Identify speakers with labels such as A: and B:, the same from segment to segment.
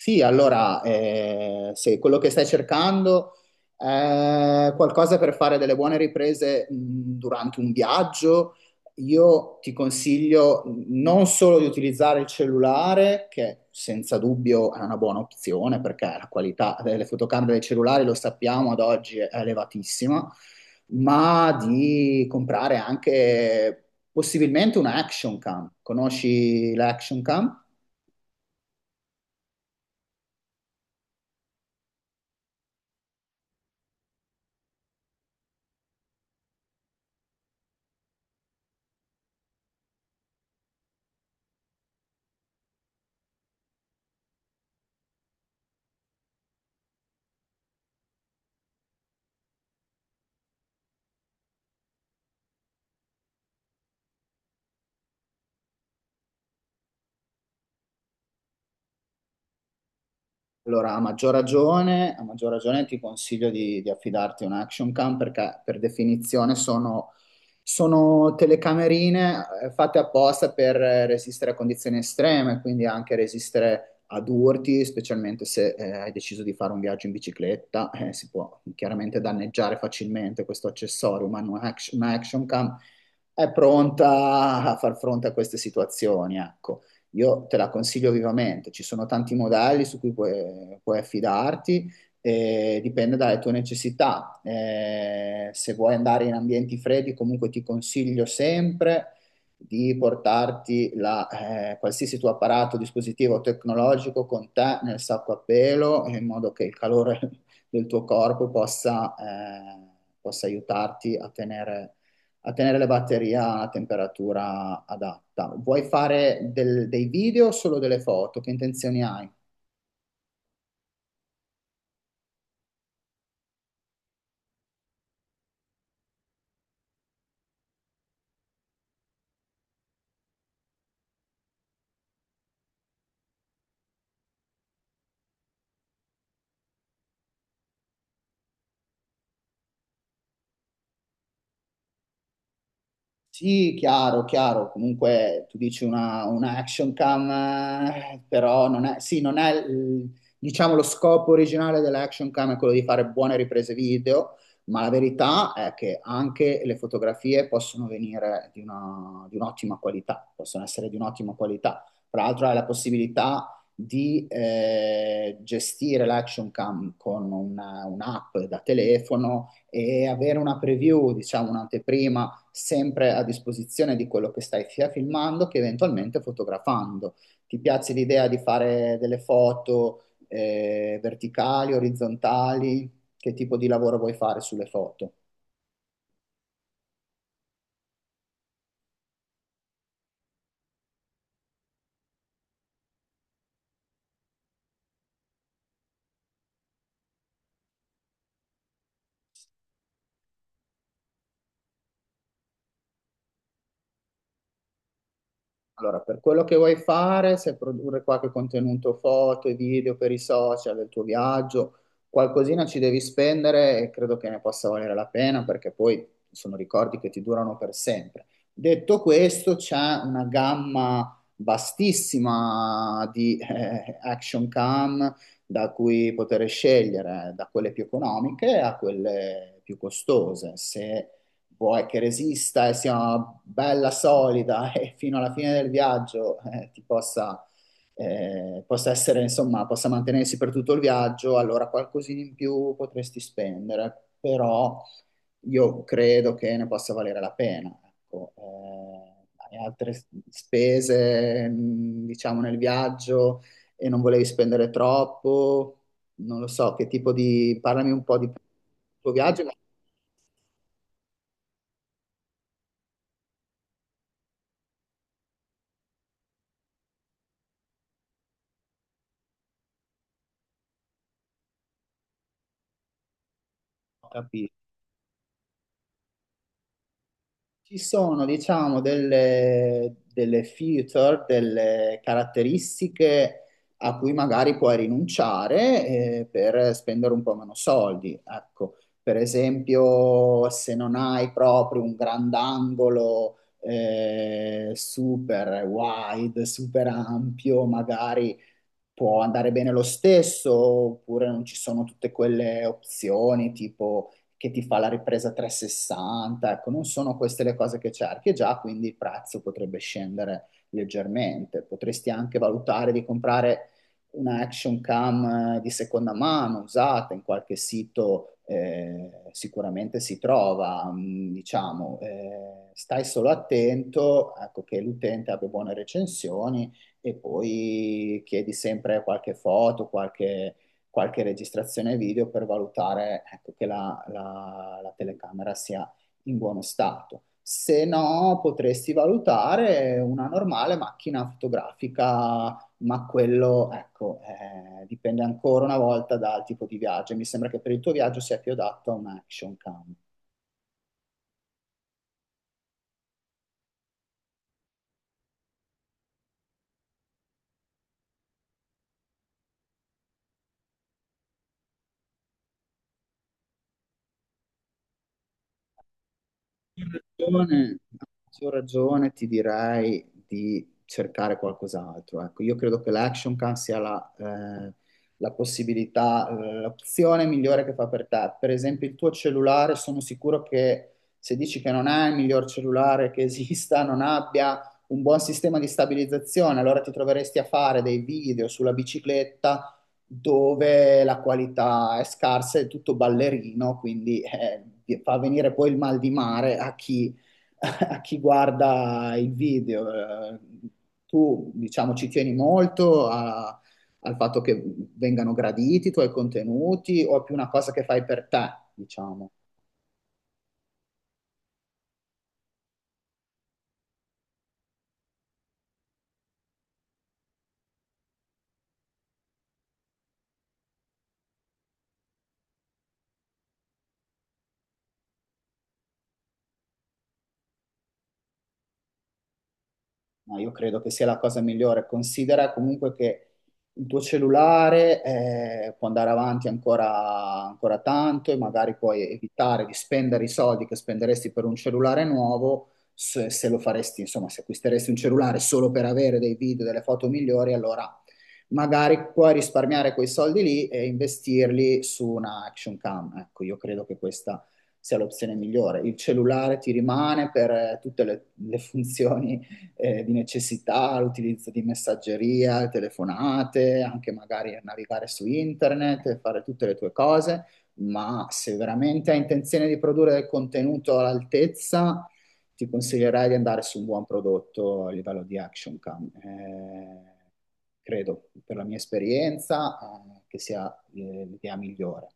A: Sì, allora, se quello che stai cercando è qualcosa per fare delle buone riprese durante un viaggio, io ti consiglio non solo di utilizzare il cellulare, che senza dubbio è una buona opzione perché la qualità delle fotocamere dei cellulari, lo sappiamo, ad oggi è elevatissima, ma di comprare anche possibilmente una action cam. Conosci l'action cam? Allora, a maggior ragione ti consiglio di affidarti a un action cam perché per definizione sono telecamerine fatte apposta per resistere a condizioni estreme, quindi anche resistere ad urti, specialmente se hai deciso di fare un viaggio in bicicletta, si può chiaramente danneggiare facilmente questo accessorio, ma un action cam è pronta a far fronte a queste situazioni, ecco. Io te la consiglio vivamente, ci sono tanti modelli su cui puoi affidarti, e dipende dalle tue necessità. Se vuoi andare in ambienti freddi, comunque ti consiglio sempre di portarti qualsiasi tuo apparato, dispositivo tecnologico con te nel sacco a pelo, in modo che il calore del tuo corpo possa possa aiutarti a tenere le batterie a una temperatura adatta. Vuoi fare dei video o solo delle foto? Che intenzioni hai? Sì, chiaro, chiaro. Comunque tu dici una action cam, però non è, sì, non è, il- diciamo, lo scopo originale dell'action cam è quello di fare buone riprese video, ma la verità è che anche le fotografie possono venire di un'ottima qualità, possono essere di un'ottima qualità. Tra l'altro hai la possibilità di gestire l'action cam con un'app da telefono e avere una preview, diciamo, un'anteprima sempre a disposizione di quello che stai sia filmando che eventualmente fotografando. Ti piace l'idea di fare delle foto verticali, orizzontali? Che tipo di lavoro vuoi fare sulle foto? Allora, per quello che vuoi fare, se produrre qualche contenuto foto e video per i social del tuo viaggio, qualcosina ci devi spendere e credo che ne possa valere la pena perché poi sono ricordi che ti durano per sempre. Detto questo, c'è una gamma vastissima di action cam da cui poter scegliere, da quelle più economiche a quelle più costose. Se vuoi che resista e sia una bella solida e fino alla fine del viaggio eh, possa essere, insomma, possa mantenersi per tutto il viaggio, allora qualcosina in più potresti spendere, però io credo che ne possa valere la pena. Ecco, hai altre spese, diciamo, nel viaggio e non volevi spendere troppo, non lo so, che tipo di... Parlami un po' di tuo viaggio, ma non ho capito. Ci sono, diciamo, delle feature, delle caratteristiche a cui magari puoi rinunciare, per spendere un po' meno soldi. Ecco, per esempio, se non hai proprio un grandangolo, super wide, super ampio, magari può andare bene lo stesso, oppure non ci sono tutte quelle opzioni tipo che ti fa la ripresa 360, ecco, non sono queste le cose che cerchi e già, quindi il prezzo potrebbe scendere leggermente. Potresti anche valutare di comprare una action cam di seconda mano usata in qualche sito, sicuramente si trova, diciamo, stai solo attento, ecco, che l'utente abbia buone recensioni e poi chiedi sempre qualche foto, qualche registrazione video per valutare, ecco, che la telecamera sia in buono stato. Se no, potresti valutare una normale macchina fotografica, ma quello, ecco, dipende ancora una volta dal tipo di viaggio. Mi sembra che per il tuo viaggio sia più adatto a un action cam. Ragione, a maggior ragione ti direi di cercare qualcos'altro. Ecco, io credo che l'action can sia la possibilità, l'opzione migliore che fa per te. Per esempio, il tuo cellulare, sono sicuro che se dici che non hai il miglior cellulare che esista, non abbia un buon sistema di stabilizzazione, allora ti troveresti a fare dei video sulla bicicletta dove la qualità è scarsa, è tutto ballerino, quindi fa venire poi il mal di mare a chi, a chi guarda il video. Tu, diciamo, ci tieni molto al fatto che vengano graditi i tuoi contenuti o è più una cosa che fai per te, diciamo? No, io credo che sia la cosa migliore. Considera comunque che il tuo cellulare può andare avanti ancora tanto e magari puoi evitare di spendere i soldi che spenderesti per un cellulare nuovo se lo faresti, insomma, se acquisteresti un cellulare solo per avere dei video, delle foto migliori, allora magari puoi risparmiare quei soldi lì e investirli su una action cam. Ecco, io credo che questa sia l'opzione migliore. Il cellulare ti rimane per tutte le funzioni di necessità, l'utilizzo di messaggeria, telefonate, anche magari navigare su internet, e fare tutte le tue cose, ma se veramente hai intenzione di produrre del contenuto all'altezza, ti consiglierei di andare su un buon prodotto a livello di action cam. Credo, per la mia esperienza, che sia l'idea migliore.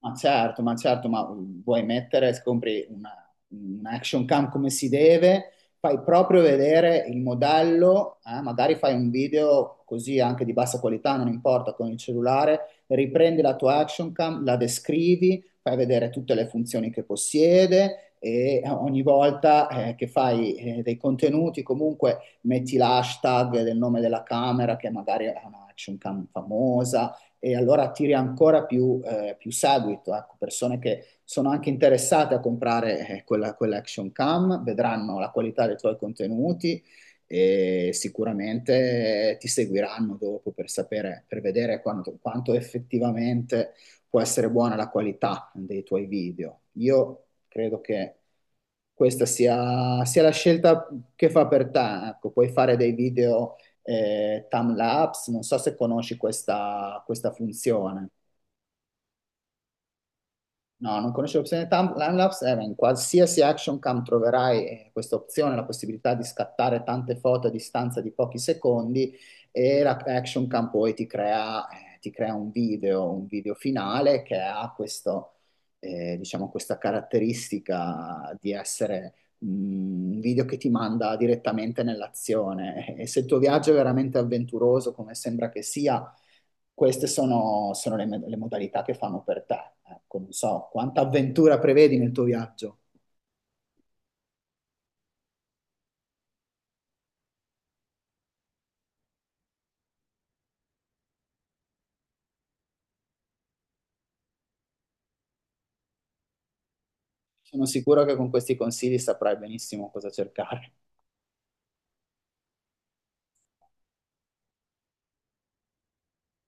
A: Ma certo, vuoi mettere, un action cam come si deve, fai proprio vedere il modello, magari fai un video così anche di bassa qualità, non importa, con il cellulare, riprendi la tua action cam, la descrivi, fai vedere tutte le funzioni che possiede e ogni volta che fai dei contenuti comunque metti l'hashtag del nome della camera che magari è una action cam famosa e allora attiri ancora più, più seguito, ecco, persone che sono anche interessate a comprare quella, quell'action cam, vedranno la qualità dei tuoi contenuti e sicuramente ti seguiranno dopo per sapere, per vedere quanto effettivamente può essere buona la qualità dei tuoi video. Io credo che sia la scelta che fa per te, ecco, puoi fare dei video timelapse, non so se conosci questa funzione. No, non conosci l'opzione timelapse? Beh, in qualsiasi action cam troverai questa opzione, la possibilità di scattare tante foto a distanza di pochi secondi e la action cam poi ti crea, un video finale che ha questo, diciamo, questa caratteristica di essere mm, un video che ti manda direttamente nell'azione. E se il tuo viaggio è veramente avventuroso, come sembra che sia, sono le modalità che fanno per te. Ecco, non so quanta avventura prevedi nel tuo viaggio. Sono sicuro che con questi consigli saprai benissimo cosa cercare.